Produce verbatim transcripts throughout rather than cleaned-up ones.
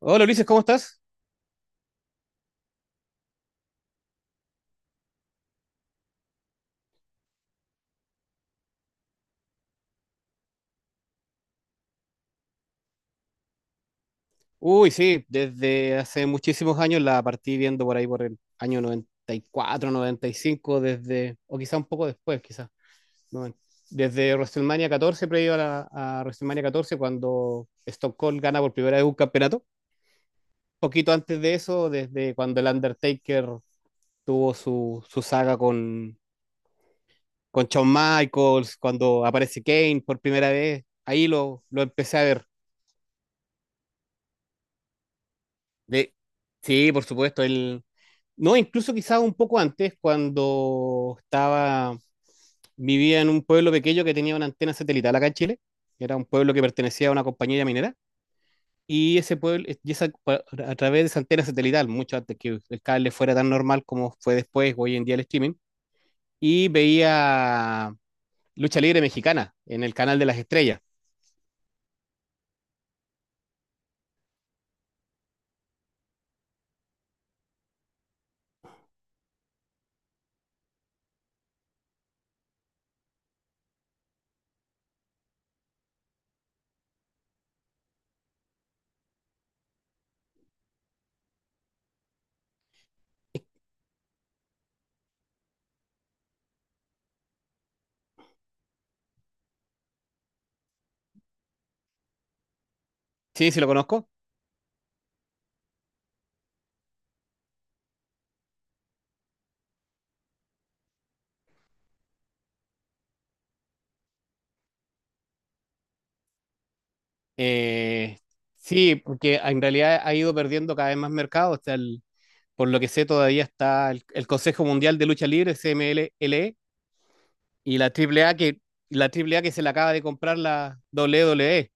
Hola Ulises, ¿cómo estás? Uy, sí, desde hace muchísimos años la partí viendo por ahí por el año noventa noventa y cuatro, noventa y cinco, desde, o quizá un poco después, quizá. No, desde WrestleMania catorce, previo a, la- a WrestleMania catorce cuando Stone Cold gana por primera vez un campeonato. Poquito antes de eso, desde cuando el Undertaker tuvo su, su saga con, con Shawn Michaels, cuando aparece Kane por primera vez, ahí lo, lo empecé a ver. De, sí, por supuesto. El, no, Incluso quizás un poco antes, cuando estaba, vivía en un pueblo pequeño que tenía una antena satelital acá en Chile. Era un pueblo que pertenecía a una compañía minera. Y ese pueblo, y esa, A través de esa antena satelital, mucho antes que el cable fuera tan normal como fue después, hoy en día el streaming, y veía Lucha Libre Mexicana en el canal de las estrellas. Sí, sí lo conozco. Eh, sí, porque en realidad ha ido perdiendo cada vez más mercado. O el- Por lo que sé, todavía está el, el Consejo Mundial de Lucha Libre, C M L L, y la A A A que, la Triple A que se la acaba de comprar la W W E.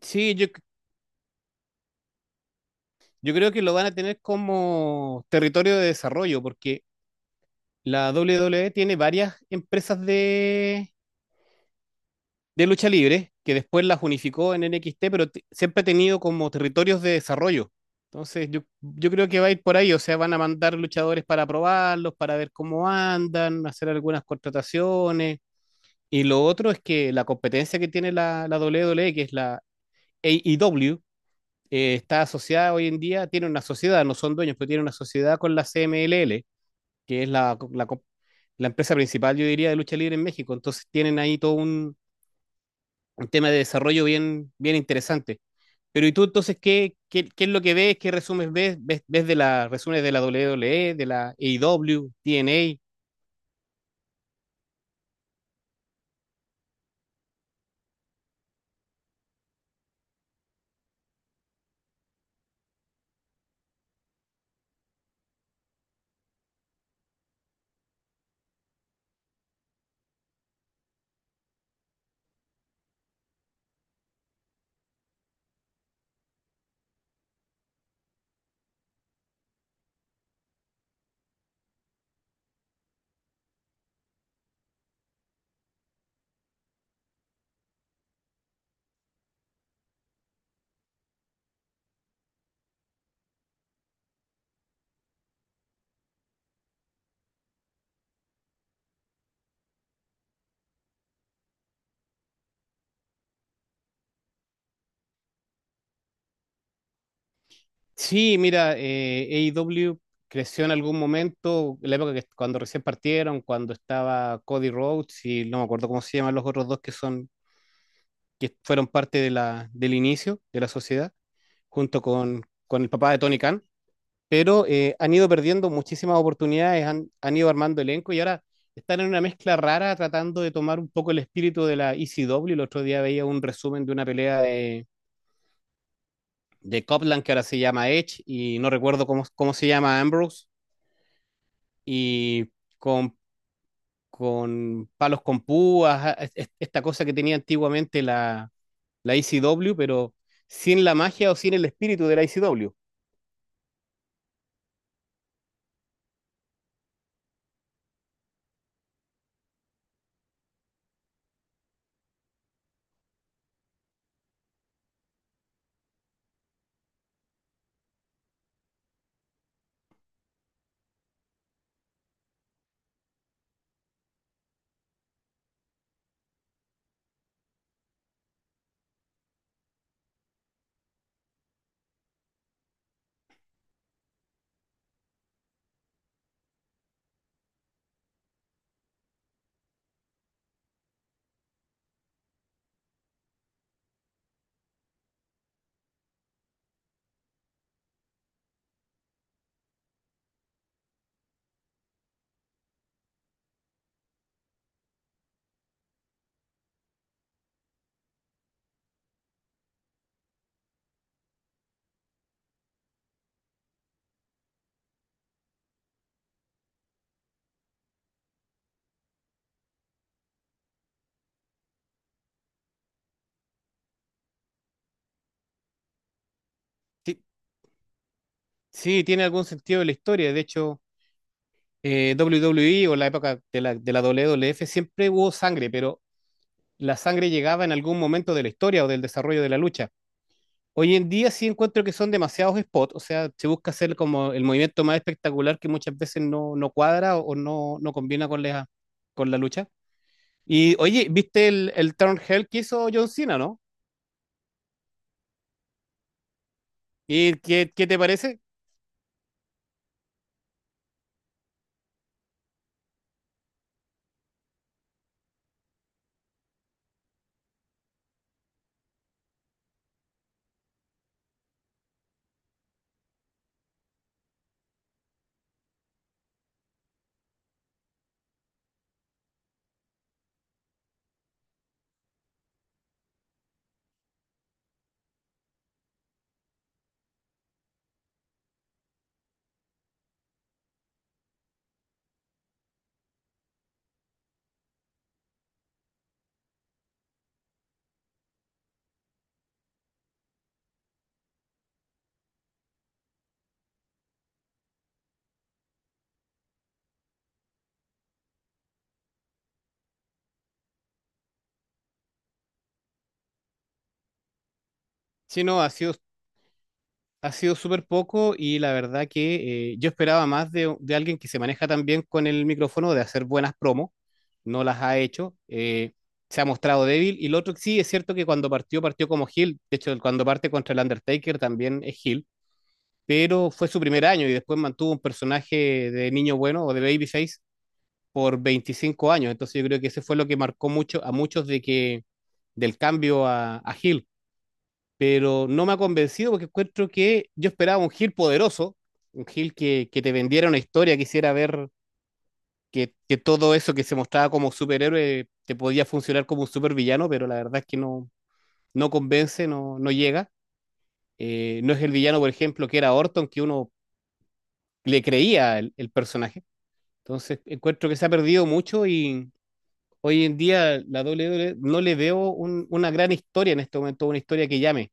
Sí, yo, yo creo que lo van a tener como territorio de desarrollo, porque la W W E tiene varias empresas de, de lucha libre que después las unificó en N X T, pero t- siempre ha tenido como territorios de desarrollo. Entonces, yo, yo creo que va a ir por ahí, o sea, van a mandar luchadores para probarlos, para ver cómo andan, hacer algunas contrataciones. Y lo otro es que la competencia que tiene la, la W W E, que es la A E W, eh, está asociada hoy en día, tiene una sociedad, no son dueños, pero tiene una sociedad con la C M L L, que es la, la, co- la empresa principal, yo diría, de lucha libre en México. Entonces tienen ahí todo un, un tema de desarrollo bien, bien interesante. Pero ¿y tú entonces qué, qué, qué es lo que ves? ¿Qué resumes ves? ¿Ves, ves de la, resúmenes de la W W E, de la AEW, TNA? Sí, mira, eh, A E W creció en algún momento, en la época que cuando recién partieron, cuando estaba Cody Rhodes y no me acuerdo cómo se llaman los otros dos que son, que fueron parte de la, del inicio de la sociedad, junto con, con el papá de Tony Khan, pero eh, han ido perdiendo muchísimas oportunidades, han, han ido armando elenco y ahora están en una mezcla rara tratando de tomar un poco el espíritu de la E C W. El otro día veía un resumen de una pelea de, de Copeland que ahora se llama Edge y no recuerdo cómo, cómo se llama Ambrose y con, con palos con púas, a- es- es- esta cosa que tenía antiguamente la, la I C W, pero sin la magia o sin el espíritu de la I C W. Sí, sí, tiene algún sentido de la historia. De hecho, eh, W W E o la época de la, de la W W F siempre hubo sangre, pero la sangre llegaba en algún momento de la historia o del desarrollo de la lucha. Hoy en día sí encuentro que son demasiados spots, o sea, se busca hacer como el movimiento más espectacular que muchas veces no, no cuadra o no, no combina con la, con la lucha. Y oye, ¿viste el, el Turn Hell que hizo John Cena, no? ¿Y qué, qué te parece? Si no, ha sido Ha sido súper poco y la verdad que eh, yo esperaba más de, de alguien que se maneja tan bien con el micrófono de hacer buenas promos. No las ha hecho. Eh, se ha mostrado débil. Y lo otro que sí, es cierto que cuando partió, partió como heel. De hecho, cuando parte contra el Undertaker también es heel. Pero fue su primer año y después mantuvo un personaje de niño bueno o de babyface por veinticinco años. Entonces yo creo que ese fue lo que marcó mucho a muchos de que del cambio a, a heel, pero no me ha convencido porque encuentro que yo esperaba un Gil poderoso, un Gil que, que te vendiera una historia, quisiera ver que, que todo eso que se mostraba como superhéroe te podía funcionar como un supervillano, pero la verdad es que no, no convence, no, no llega. Eh, no es el villano, por ejemplo, que era Orton, que uno le creía el, el personaje. Entonces, encuentro que se ha perdido mucho y hoy en día la W W E no le veo un- una gran historia en este momento, una historia que llame.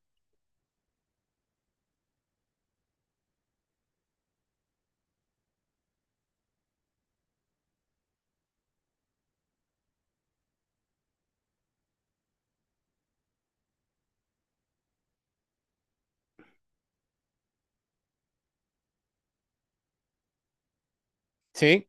¿Sí?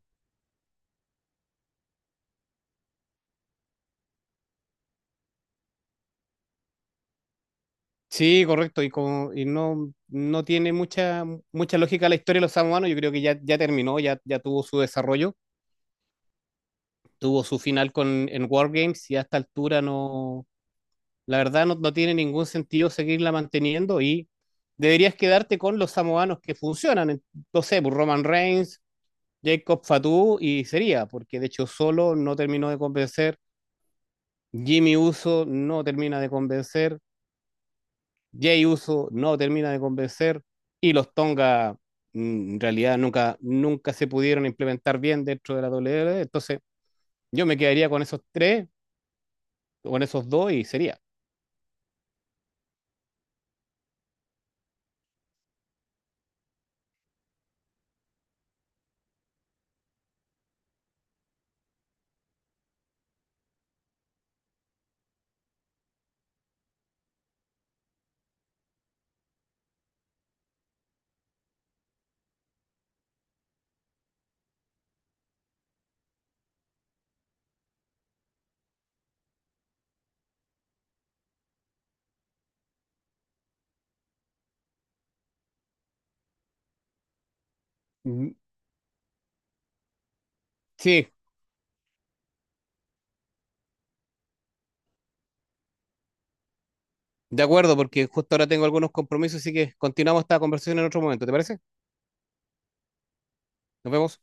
Sí, correcto, y, como, y no, no tiene mucha, mucha lógica la historia de los samoanos, yo creo que ya, ya terminó, ya, ya tuvo su desarrollo, tuvo su final con, en Wargames y a esta altura no, la verdad no, no tiene ningún sentido seguirla manteniendo y deberías quedarte con los samoanos que funcionan, en- no sé, pues, Roman Reigns, Jacob Fatu y sería, porque de hecho solo no terminó de convencer, Jimmy Uso no termina de convencer, Jay Uso no termina de convencer y los Tonga, mm, en realidad nunca, nunca se pudieron implementar bien dentro de la W W E. Entonces yo me quedaría con esos tres, con esos dos y sería. Mm, sí, de acuerdo, porque justo ahora tengo algunos compromisos, así que continuamos esta conversación en otro momento, ¿te parece? Nos vemos.